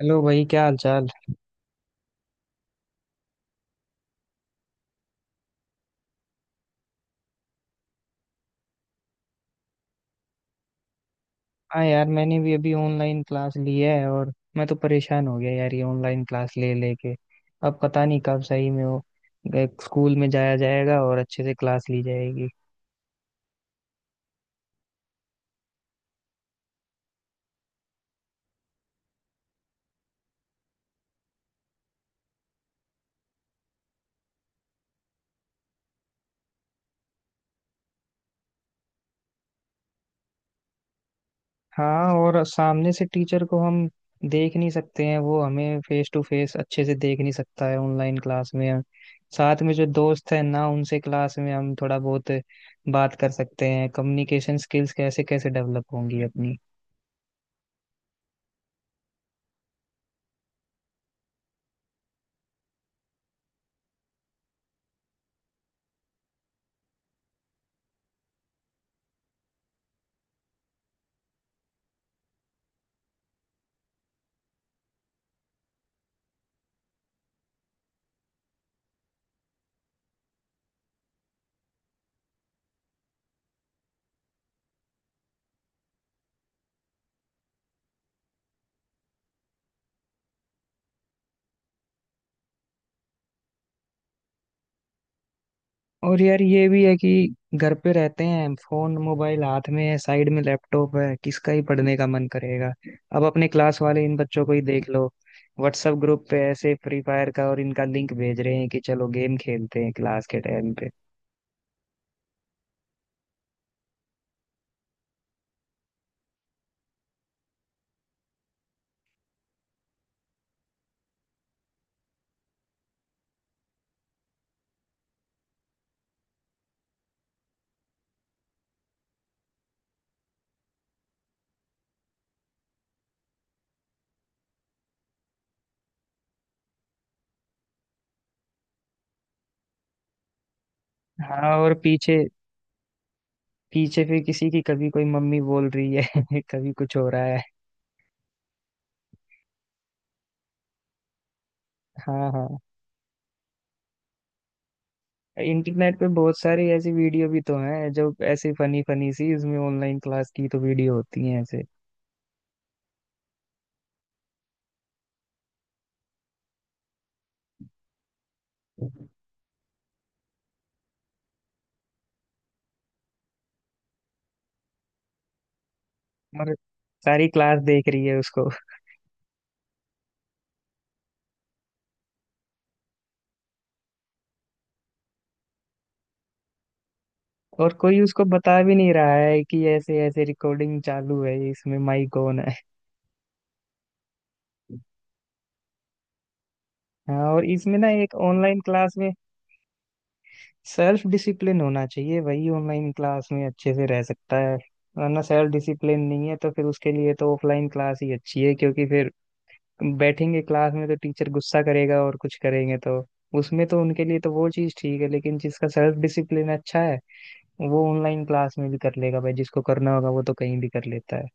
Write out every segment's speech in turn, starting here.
Hello भाई, क्या हाल चाल। हाँ यार, मैंने भी अभी ऑनलाइन क्लास ली है। और मैं तो परेशान हो गया यार ये ऑनलाइन क्लास ले लेके। अब पता नहीं कब सही में वो एक स्कूल में जाया जाएगा और अच्छे से क्लास ली जाएगी। हाँ, और सामने से टीचर को हम देख नहीं सकते हैं, वो हमें फेस टू फेस अच्छे से देख नहीं सकता है ऑनलाइन क्लास में। साथ में जो दोस्त है ना उनसे क्लास में हम थोड़ा बहुत बात कर सकते हैं, कम्युनिकेशन स्किल्स कैसे कैसे डेवलप होंगी अपनी। और यार, ये भी है कि घर पे रहते हैं, फोन मोबाइल हाथ में है, साइड में लैपटॉप है, किसका ही पढ़ने का मन करेगा। अब अपने क्लास वाले इन बच्चों को ही देख लो, व्हाट्सएप ग्रुप पे ऐसे फ्री फायर का और इनका लिंक भेज रहे हैं कि चलो गेम खेलते हैं क्लास के टाइम पे। हाँ। और पीछे पीछे फिर किसी की कभी कोई मम्मी बोल रही है, कभी कुछ हो रहा है। हाँ हाँ। इंटरनेट पे बहुत सारी ऐसी वीडियो भी तो हैं जो ऐसी फनी फनी सी इसमें ऑनलाइन क्लास की तो वीडियो होती हैं ऐसे। और सारी क्लास देख रही है उसको। और कोई उसको बता भी नहीं रहा है कि ऐसे ऐसे रिकॉर्डिंग चालू है, इसमें माइक ऑन है। हाँ। और इसमें ना एक ऑनलाइन क्लास में सेल्फ डिसिप्लिन होना चाहिए, वही ऑनलाइन क्लास में अच्छे से रह सकता है। वरना सेल्फ डिसिप्लिन नहीं है तो फिर उसके लिए तो ऑफलाइन क्लास ही अच्छी है, क्योंकि फिर बैठेंगे क्लास में तो टीचर गुस्सा करेगा और कुछ करेंगे तो उसमें तो उनके लिए तो वो चीज़ ठीक है। लेकिन जिसका सेल्फ डिसिप्लिन अच्छा है, वो ऑनलाइन क्लास में भी कर लेगा भाई, जिसको करना होगा वो तो कहीं भी कर लेता है।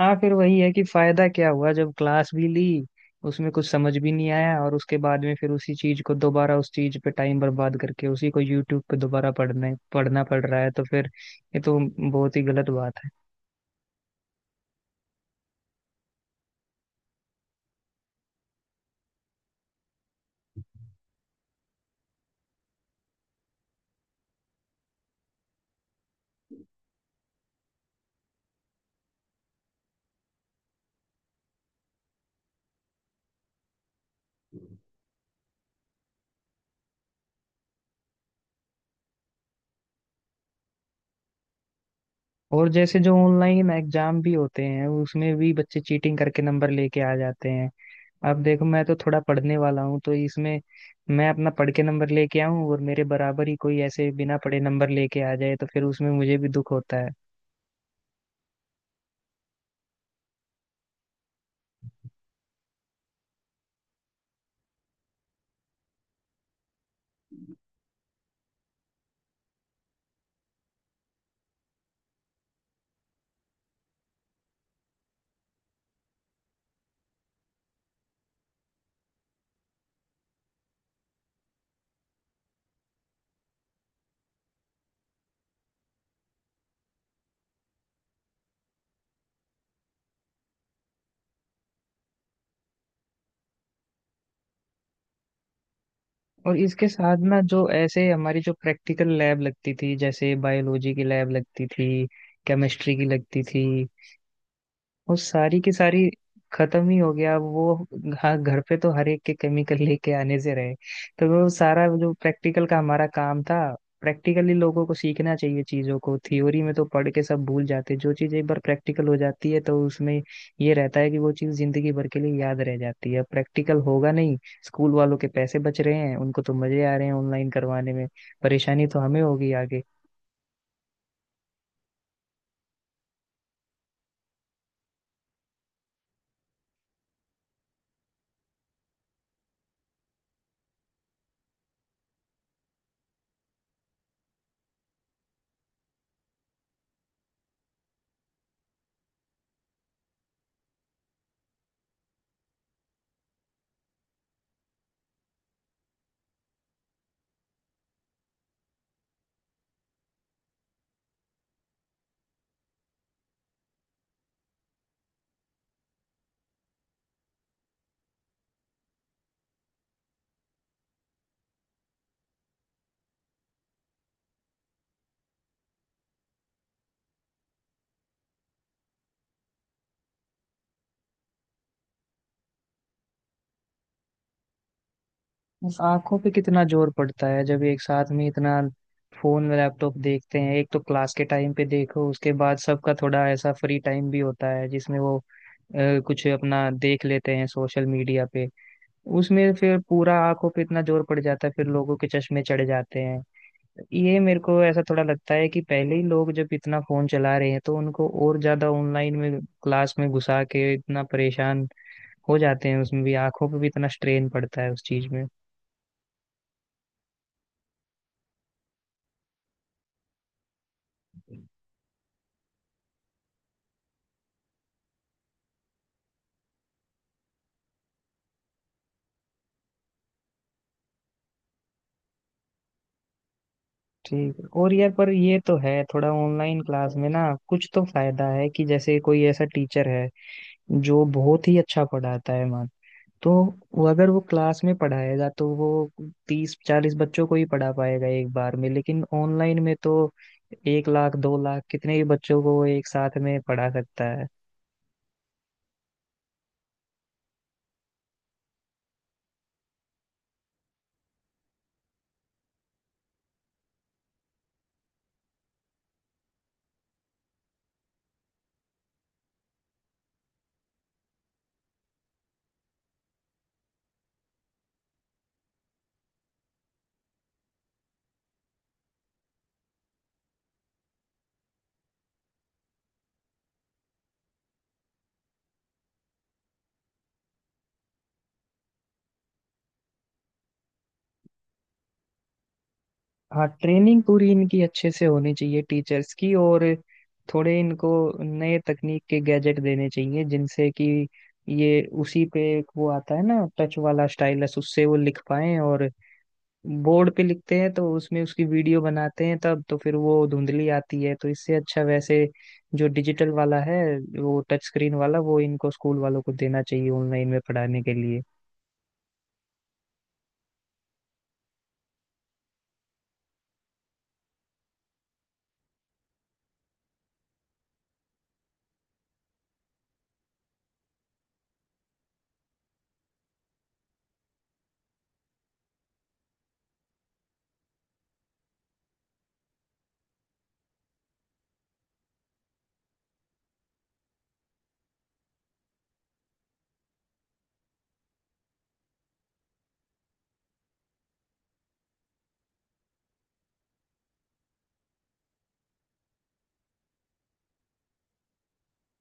हाँ, फिर वही है कि फायदा क्या हुआ जब क्लास भी ली, उसमें कुछ समझ भी नहीं आया, और उसके बाद में फिर उसी चीज को दोबारा उस चीज पे टाइम बर्बाद करके उसी को यूट्यूब पे दोबारा पढ़ने पढ़ना पड़ रहा है, तो फिर ये तो बहुत ही गलत बात है। और जैसे जो ऑनलाइन एग्जाम भी होते हैं उसमें भी बच्चे चीटिंग करके नंबर लेके आ जाते हैं। अब देखो, मैं तो थोड़ा पढ़ने वाला हूँ, तो इसमें मैं अपना पढ़ के नंबर लेके आऊँ और मेरे बराबर ही कोई ऐसे बिना पढ़े नंबर लेके आ जाए तो फिर उसमें मुझे भी दुख होता है। और इसके साथ ना, जो ऐसे हमारी जो प्रैक्टिकल लैब लगती थी, जैसे बायोलॉजी की लैब लगती थी, केमिस्ट्री की लगती थी, वो सारी की सारी खत्म ही हो गया अब वो। हाँ, घर पे तो हर एक के केमिकल लेके आने से रहे। तो वो सारा जो प्रैक्टिकल का हमारा काम था, प्रैक्टिकली लोगों को सीखना चाहिए चीजों को, थ्योरी में तो पढ़ के सब भूल जाते हैं। जो चीज एक बार प्रैक्टिकल हो जाती है तो उसमें ये रहता है कि वो चीज जिंदगी भर के लिए याद रह जाती है। अब प्रैक्टिकल होगा नहीं। स्कूल वालों के पैसे बच रहे हैं, उनको तो मजे आ रहे हैं ऑनलाइन करवाने में। परेशानी तो हमें होगी आगे। बस आंखों पे कितना जोर पड़ता है जब एक साथ में इतना फोन में लैपटॉप देखते हैं। एक तो क्लास के टाइम पे देखो, उसके बाद सबका थोड़ा ऐसा फ्री टाइम भी होता है जिसमें वो कुछ अपना देख लेते हैं सोशल मीडिया पे। उसमें फिर पूरा आंखों पे इतना जोर पड़ जाता है, फिर लोगों के चश्मे चढ़ जाते हैं। ये मेरे को ऐसा थोड़ा लगता है कि पहले ही लोग जब इतना फोन चला रहे हैं, तो उनको और ज्यादा ऑनलाइन में क्लास में घुसा के इतना परेशान हो जाते हैं, उसमें भी आंखों पे भी इतना स्ट्रेन पड़ता है उस चीज में। ठीक है। और यार, पर ये तो है थोड़ा ऑनलाइन क्लास में ना कुछ तो फायदा है, कि जैसे कोई ऐसा टीचर है जो बहुत ही अच्छा पढ़ाता है मान, तो वो अगर वो क्लास में पढ़ाएगा तो वो 30 40 बच्चों को ही पढ़ा पाएगा एक बार में, लेकिन ऑनलाइन में तो 1 लाख 2 लाख कितने ही बच्चों को वो एक साथ में पढ़ा सकता है। हाँ, ट्रेनिंग पूरी इनकी अच्छे से होनी चाहिए टीचर्स की। और थोड़े इनको नए तकनीक के गैजेट देने चाहिए, जिनसे कि ये उसी पे एक वो आता है ना टच वाला स्टाइलस, उससे वो लिख पाए। और बोर्ड पे लिखते हैं तो उसमें उसकी वीडियो बनाते हैं, तब तो फिर वो धुंधली आती है, तो इससे अच्छा वैसे जो डिजिटल वाला है, वो टच स्क्रीन वाला, वो इनको स्कूल वालों को देना चाहिए ऑनलाइन में पढ़ाने के लिए।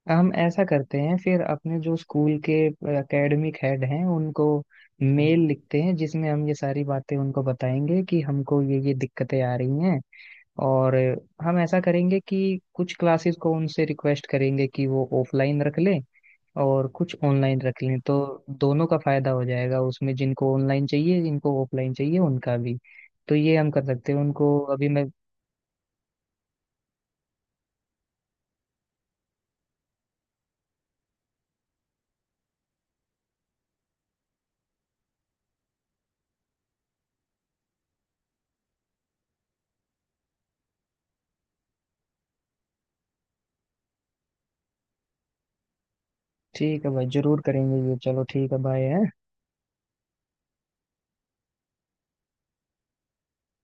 हम ऐसा करते हैं फिर, अपने जो स्कूल के एकेडमिक हेड हैं उनको मेल लिखते हैं, जिसमें हम ये सारी बातें उनको बताएंगे कि हमको ये दिक्कतें आ रही हैं। और हम ऐसा करेंगे कि कुछ क्लासेस को उनसे रिक्वेस्ट करेंगे कि वो ऑफलाइन रख लें और कुछ ऑनलाइन रख लें, तो दोनों का फायदा हो जाएगा उसमें, जिनको ऑनलाइन चाहिए, जिनको ऑफलाइन चाहिए उनका भी। तो ये हम कर सकते हैं उनको, अभी मैं। ठीक है भाई, जरूर करेंगे ये, चलो ठीक है, बाय।